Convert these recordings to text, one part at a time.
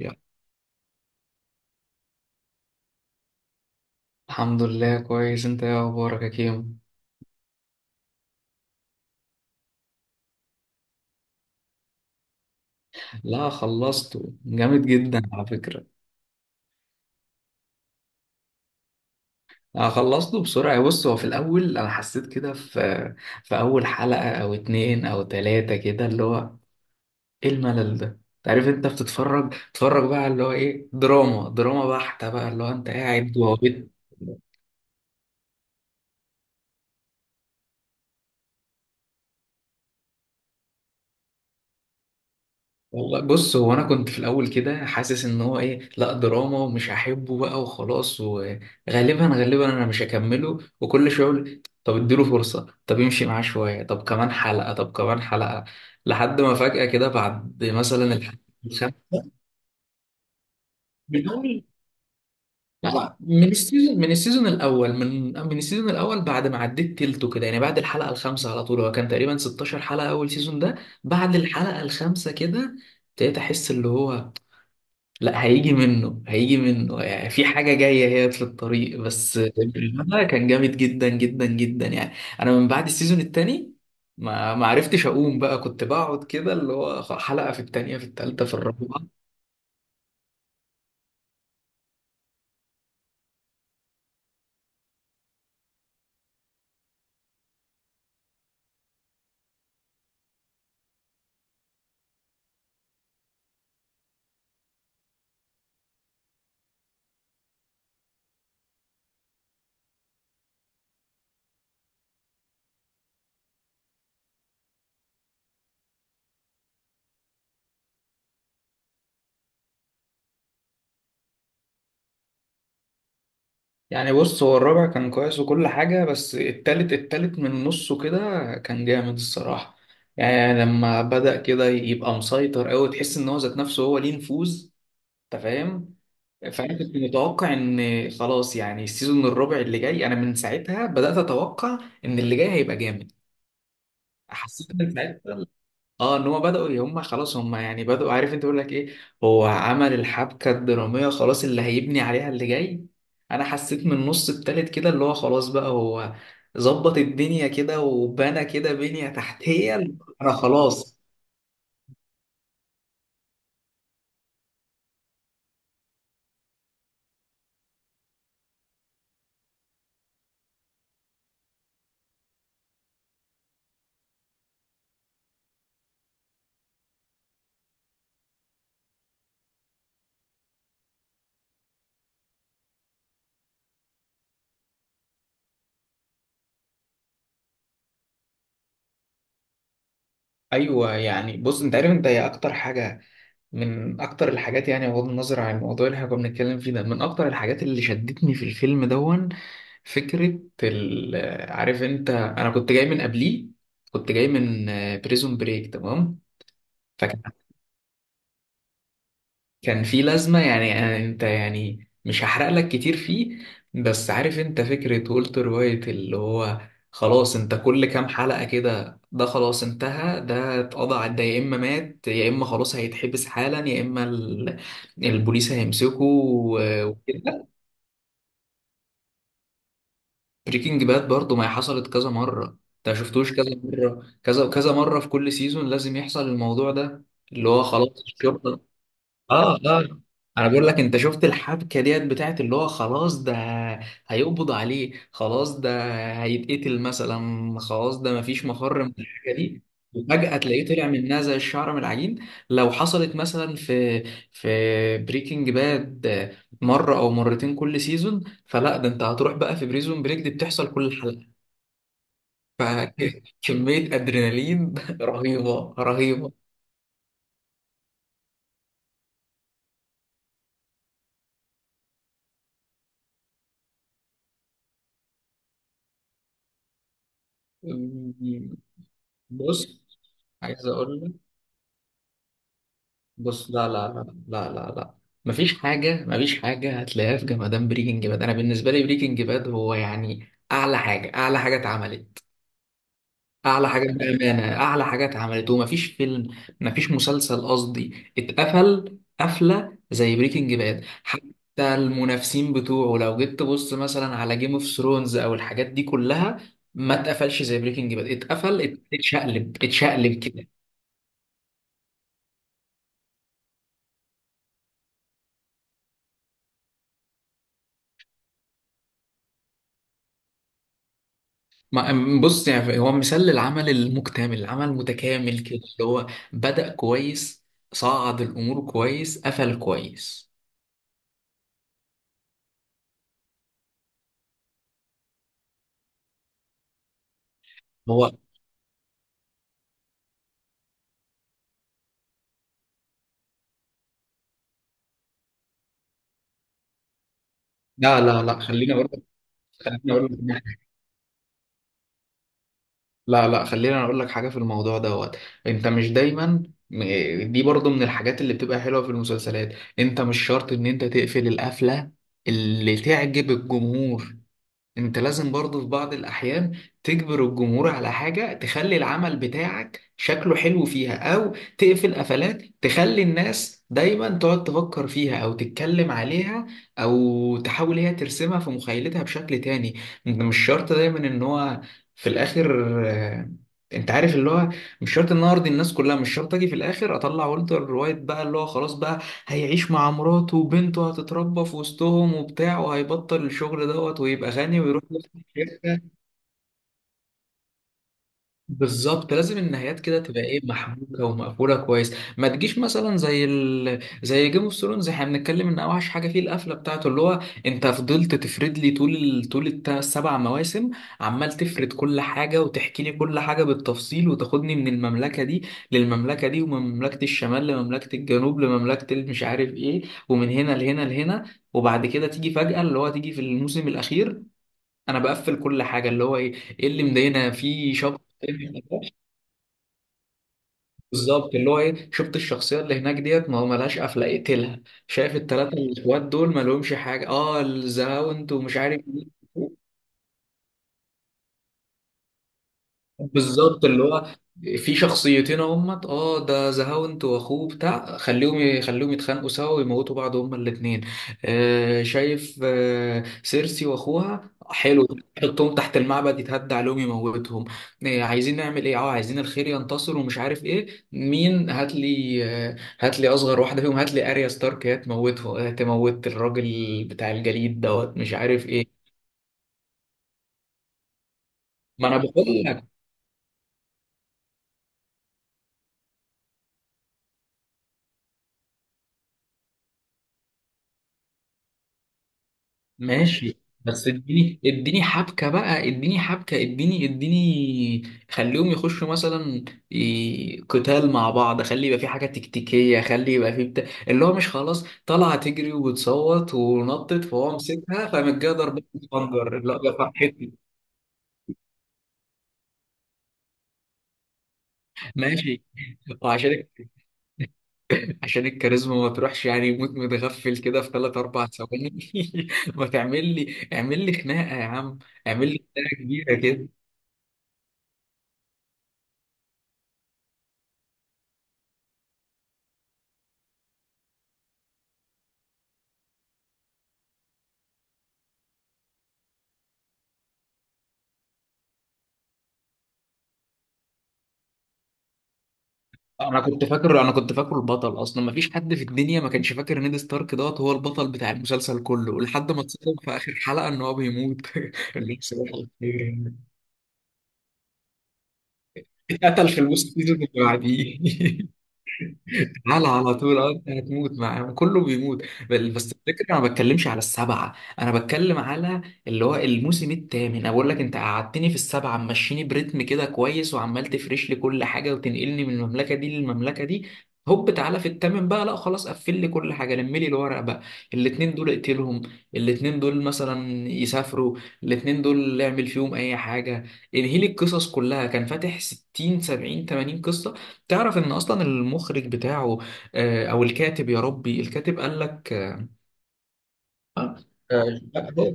يلا. الحمد لله، كويس. انت ايه اخبارك يا كيمو؟ لا، خلصته، جامد جدا على فكرة. انا خلصته بسرعة. بص، هو في الاول انا حسيت كده في اول حلقة او اتنين او تلاتة كده، اللي هو ايه، الملل ده. تعرف انت بتتفرج، تتفرج بقى اللي هو ايه، دراما دراما بحتة بقى، اللي هو انت قاعد وهو بيت. والله بص، هو انا كنت في الاول كده حاسس ان هو ايه، لا دراما، ومش هحبه بقى وخلاص، وغالبا غالبا انا مش هكمله. وكل شويه اقول طب اديله فرصه، طب يمشي معاه شويه، طب كمان حلقه، طب كمان حلقه. لحد ما فجاه كده بعد مثلا الحلقه الخامسة. من اول، لا، من السيزون الاول، من السيزون الاول بعد ما عديت تلته كده يعني، بعد الحلقه الخامسه على طول. هو كان تقريبا 16 حلقه اول سيزون ده. بعد الحلقه الخامسه كده ابتديت احس اللي هو لا، هيجي منه هيجي منه، يعني في حاجة جاية هي في الطريق، بس برشلونة كان جامد جدا جدا جدا يعني. أنا من بعد السيزون التاني ما عرفتش أقوم بقى، كنت بقعد كده اللي هو حلقة في التانية في التالتة في الرابعة. يعني بص، هو الرابع كان كويس وكل حاجة، بس التالت، التالت من نصه كده كان جامد الصراحة. يعني لما بدأ كده يبقى مسيطر أوي، تحس إن هو ذات نفسه هو ليه نفوذ. أنت فاهم؟ فانا كنت متوقع ان خلاص يعني السيزون الرابع اللي جاي، انا من ساعتها بدات اتوقع ان اللي جاي هيبقى جامد. حسيت من ساعتها. اه، ان هم بداوا، هم خلاص، هم يعني بداوا، عارف انت بيقول لك ايه. هو عمل الحبكه الدراميه خلاص اللي هيبني عليها اللي جاي. انا حسيت من النص التالت كده اللي هو خلاص بقى، هو ظبط الدنيا كده وبنى كده بنيه تحتيه. انا خلاص. ايوه يعني، بص انت عارف، انت هي اكتر حاجه، من اكتر الحاجات يعني، بغض النظر عن الموضوع اللي احنا كنا بنتكلم فيه ده، من اكتر الحاجات اللي شدتني في الفيلم دون، فكرة ال... عارف انت، انا كنت جاي من قبليه، كنت جاي من بريزون بريك، تمام؟ فكان، كان في لازمة. يعني انت يعني مش هحرق لك كتير فيه، بس عارف انت فكرة والتر وايت اللي هو خلاص، انت كل كام حلقة كده ده خلاص انتهى، ده اتقضى ده يا اما مات، يا اما خلاص هيتحبس حالا، يا اما البوليس هيمسكه وكده. بريكنج باد برضو ما هي حصلت كذا مرة. انت شفتوش كذا مرة، كذا مرة، في كل سيزون لازم يحصل الموضوع ده، اللي هو خلاص الشرطة. اه، اه، انا بقول لك، انت شفت الحبكه ديت بتاعت اللي هو خلاص ده هيقبض عليه، خلاص ده هيتقتل مثلا، خلاص ده مفيش مفر من الحاجه دي. وفجاه تلاقيه طلع منها زي الشعر من العجين. لو حصلت مثلا في بريكنج باد مره او مرتين كل سيزون، فلا، ده انت هتروح بقى. في بريزون بريك دي بتحصل كل حلقه. فكميه ادرينالين رهيبه رهيبه. بص، عايز اقول لك، بص لا لا لا، لا لا لا، مفيش حاجة، مفيش حاجة هتلاقيها في جمدان بريكنج باد. أنا بالنسبة لي بريكنج باد هو يعني أعلى حاجة، أعلى حاجة اتعملت، أعلى حاجة بأمانة، أعلى حاجة اتعملت. ومفيش فيلم، مفيش مسلسل قصدي اتقفل قفلة زي بريكنج باد. حتى المنافسين بتوعه لو جيت تبص مثلا على جيم اوف ثرونز أو الحاجات دي كلها، ما اتقفلش زي بريكنج باد. اتقفل اتشقلب اتشقلب. بص يعني هو مثال للعمل المكتمل، العمل المتكامل كده، اللي هو بدأ كويس، صعد الأمور كويس، قفل كويس. هو لا لا لا، خليني أقول لك، خليني أقول لك، لا لا، خليني أقول لك حاجة في الموضوع دوت. أنت مش دايما، دي برضو من الحاجات اللي بتبقى حلوة في المسلسلات. أنت مش شرط إن أنت تقفل القفلة اللي تعجب الجمهور. انت لازم برضو في بعض الاحيان تجبر الجمهور على حاجة تخلي العمل بتاعك شكله حلو فيها، او تقفل قفلات تخلي الناس دايما تقعد تفكر فيها او تتكلم عليها، او تحاول هي ترسمها في مخيلتها بشكل تاني. انت مش شرط دايما ان هو في الاخر، انت عارف اللي هو، مش شرط ان أنا ارضي الناس كلها، مش شرط اجي في الاخر اطلع والتر وايت بقى اللي هو خلاص بقى هيعيش مع مراته وبنته هتتربى في وسطهم وبتاع، وهيبطل الشغل دوت، ويبقى غني ويروح يفتح شركة. بالظبط، لازم النهايات كده تبقى ايه، محبوكه ومقفوله كويس، ما تجيش مثلا زي زي جيم اوف ثرونز. احنا بنتكلم ان اوحش حاجه فيه القفله بتاعته، اللي هو انت فضلت تفرد لي طول طول السبع مواسم، عمال تفرد كل حاجه وتحكي لي كل حاجه بالتفصيل، وتاخدني من المملكه دي للمملكه دي، ومن مملكه الشمال لمملكه الجنوب لمملكه مش عارف ايه، ومن هنا لهنا لهنا. وبعد كده تيجي فجأة اللي هو تيجي في الموسم الأخير. أنا بقفل كل حاجة اللي هو إيه، إيه اللي مضايقنا في شاب؟ بالظبط، اللي هو ايه، شفت الشخصيه اللي هناك ديت، ما هو ملهاش قفله، اقتلها. شايف التلاته الاخوات دول، ما لهمش حاجه، اه، الزهاوند ومش عارف مين. بالظبط، اللي هو في شخصيتين اهمت، اه، ده زهاوند واخوه بتاع، يخليهم يتخانقوا سوا ويموتوا بعض هما الاثنين. آه، شايف، آه، سيرسي واخوها، حلو، حطهم تحت المعبد يتهدى عليهم، يموتهم. آه، عايزين نعمل ايه، اه، عايزين الخير ينتصر ومش عارف ايه مين، هات لي، آه، هات لي اصغر واحده فيهم، هات لي اريا ستارك هي تموته، آه، تموت الراجل بتاع الجليد دوت، مش عارف ايه. ما انا بقول. ماشي. بس اديني، اديني حبكة بقى، اديني حبكة، اديني، اديني. خليهم يخشوا مثلا قتال مع بعض، خلي يبقى في حاجة تكتيكية، خلي يبقى في بتاع، اللي هو مش خلاص طالعة تجري وبتصوت ونطت فهو مسكها فمن جاية ضربة خنجر، لا يا فرحتي. ماشي. وعشان عشان الكاريزما ما تروحش، يعني يموت متغفل كده في 3 4 ثواني ما تعمل لي، اعمل لي خناقة يا عم، اعمل لي خناقة كبيرة. انا كنت فاكره البطل اصلا، ما فيش حد في الدنيا ما كانش فاكر نيد ستارك دوت هو البطل بتاع المسلسل كله، لحد ما اتصدم في اخر حلقه ان هو بيموت اللي هو صباح الخير يعني. اتقتل في الوسط سيزون اللي بعديه، على طول. اه، انت هتموت، مع كله بيموت. بس الفكره، انا ما بتكلمش على السبعه، انا بتكلم على اللي هو الموسم الثامن. انا بقول لك، انت قعدتني في السبعه ماشيني بريتم كده كويس، وعمال تفرش لي كل حاجه، وتنقلني من المملكه دي للمملكه دي. هوب تعالى في الثامن بقى، لا خلاص قفل لي كل حاجه، لم لي الورق بقى. الاثنين دول اقتلهم، الاثنين دول مثلا يسافروا، الاثنين دول اعمل فيهم اي حاجه. انهي لي القصص كلها، كان فاتح 60 70 80 قصه. تعرف ان اصلا المخرج بتاعه، او الكاتب، يا ربي، الكاتب قال لك، آه، آه،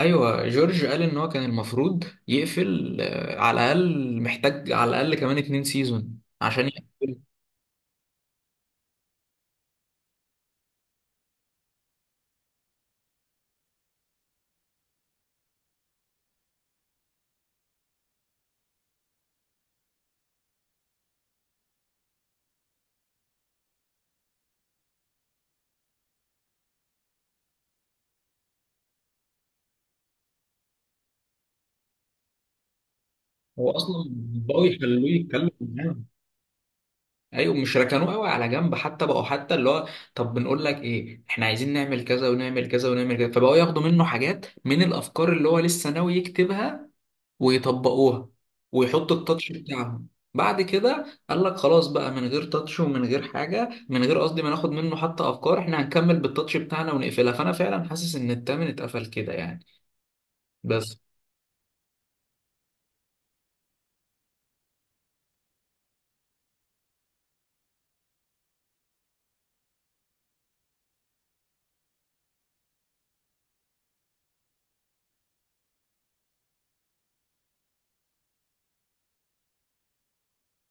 ايوه، جورج قال ان هو كان المفروض يقفل، على الاقل محتاج، على الاقل كمان 2 سيزون عشان يقفل. هو اصلا بقوا يخلوه يتكلم معاه. ايوه، مش ركنوه قوي على جنب حتى، بقوا حتى اللي هو، طب بنقول لك ايه، احنا عايزين نعمل كذا ونعمل كذا ونعمل كذا، فبقوا ياخدوا منه حاجات من الافكار اللي هو لسه ناوي يكتبها ويطبقوها ويحطوا التاتش بتاعهم. بعد كده قال لك خلاص بقى، من غير تاتش ومن غير حاجه، من غير قصدي ما ناخد منه حتى افكار، احنا هنكمل بالتاتش بتاعنا ونقفلها. فانا فعلا حاسس ان التامن اتقفل كده يعني. بس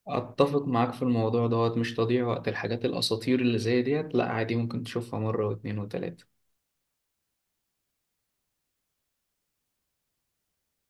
اتفق معاك في الموضوع دوت، مش تضييع وقت، الحاجات الاساطير اللي زي ديت لا، عادي، ممكن تشوفها مره واتنين وتلاته.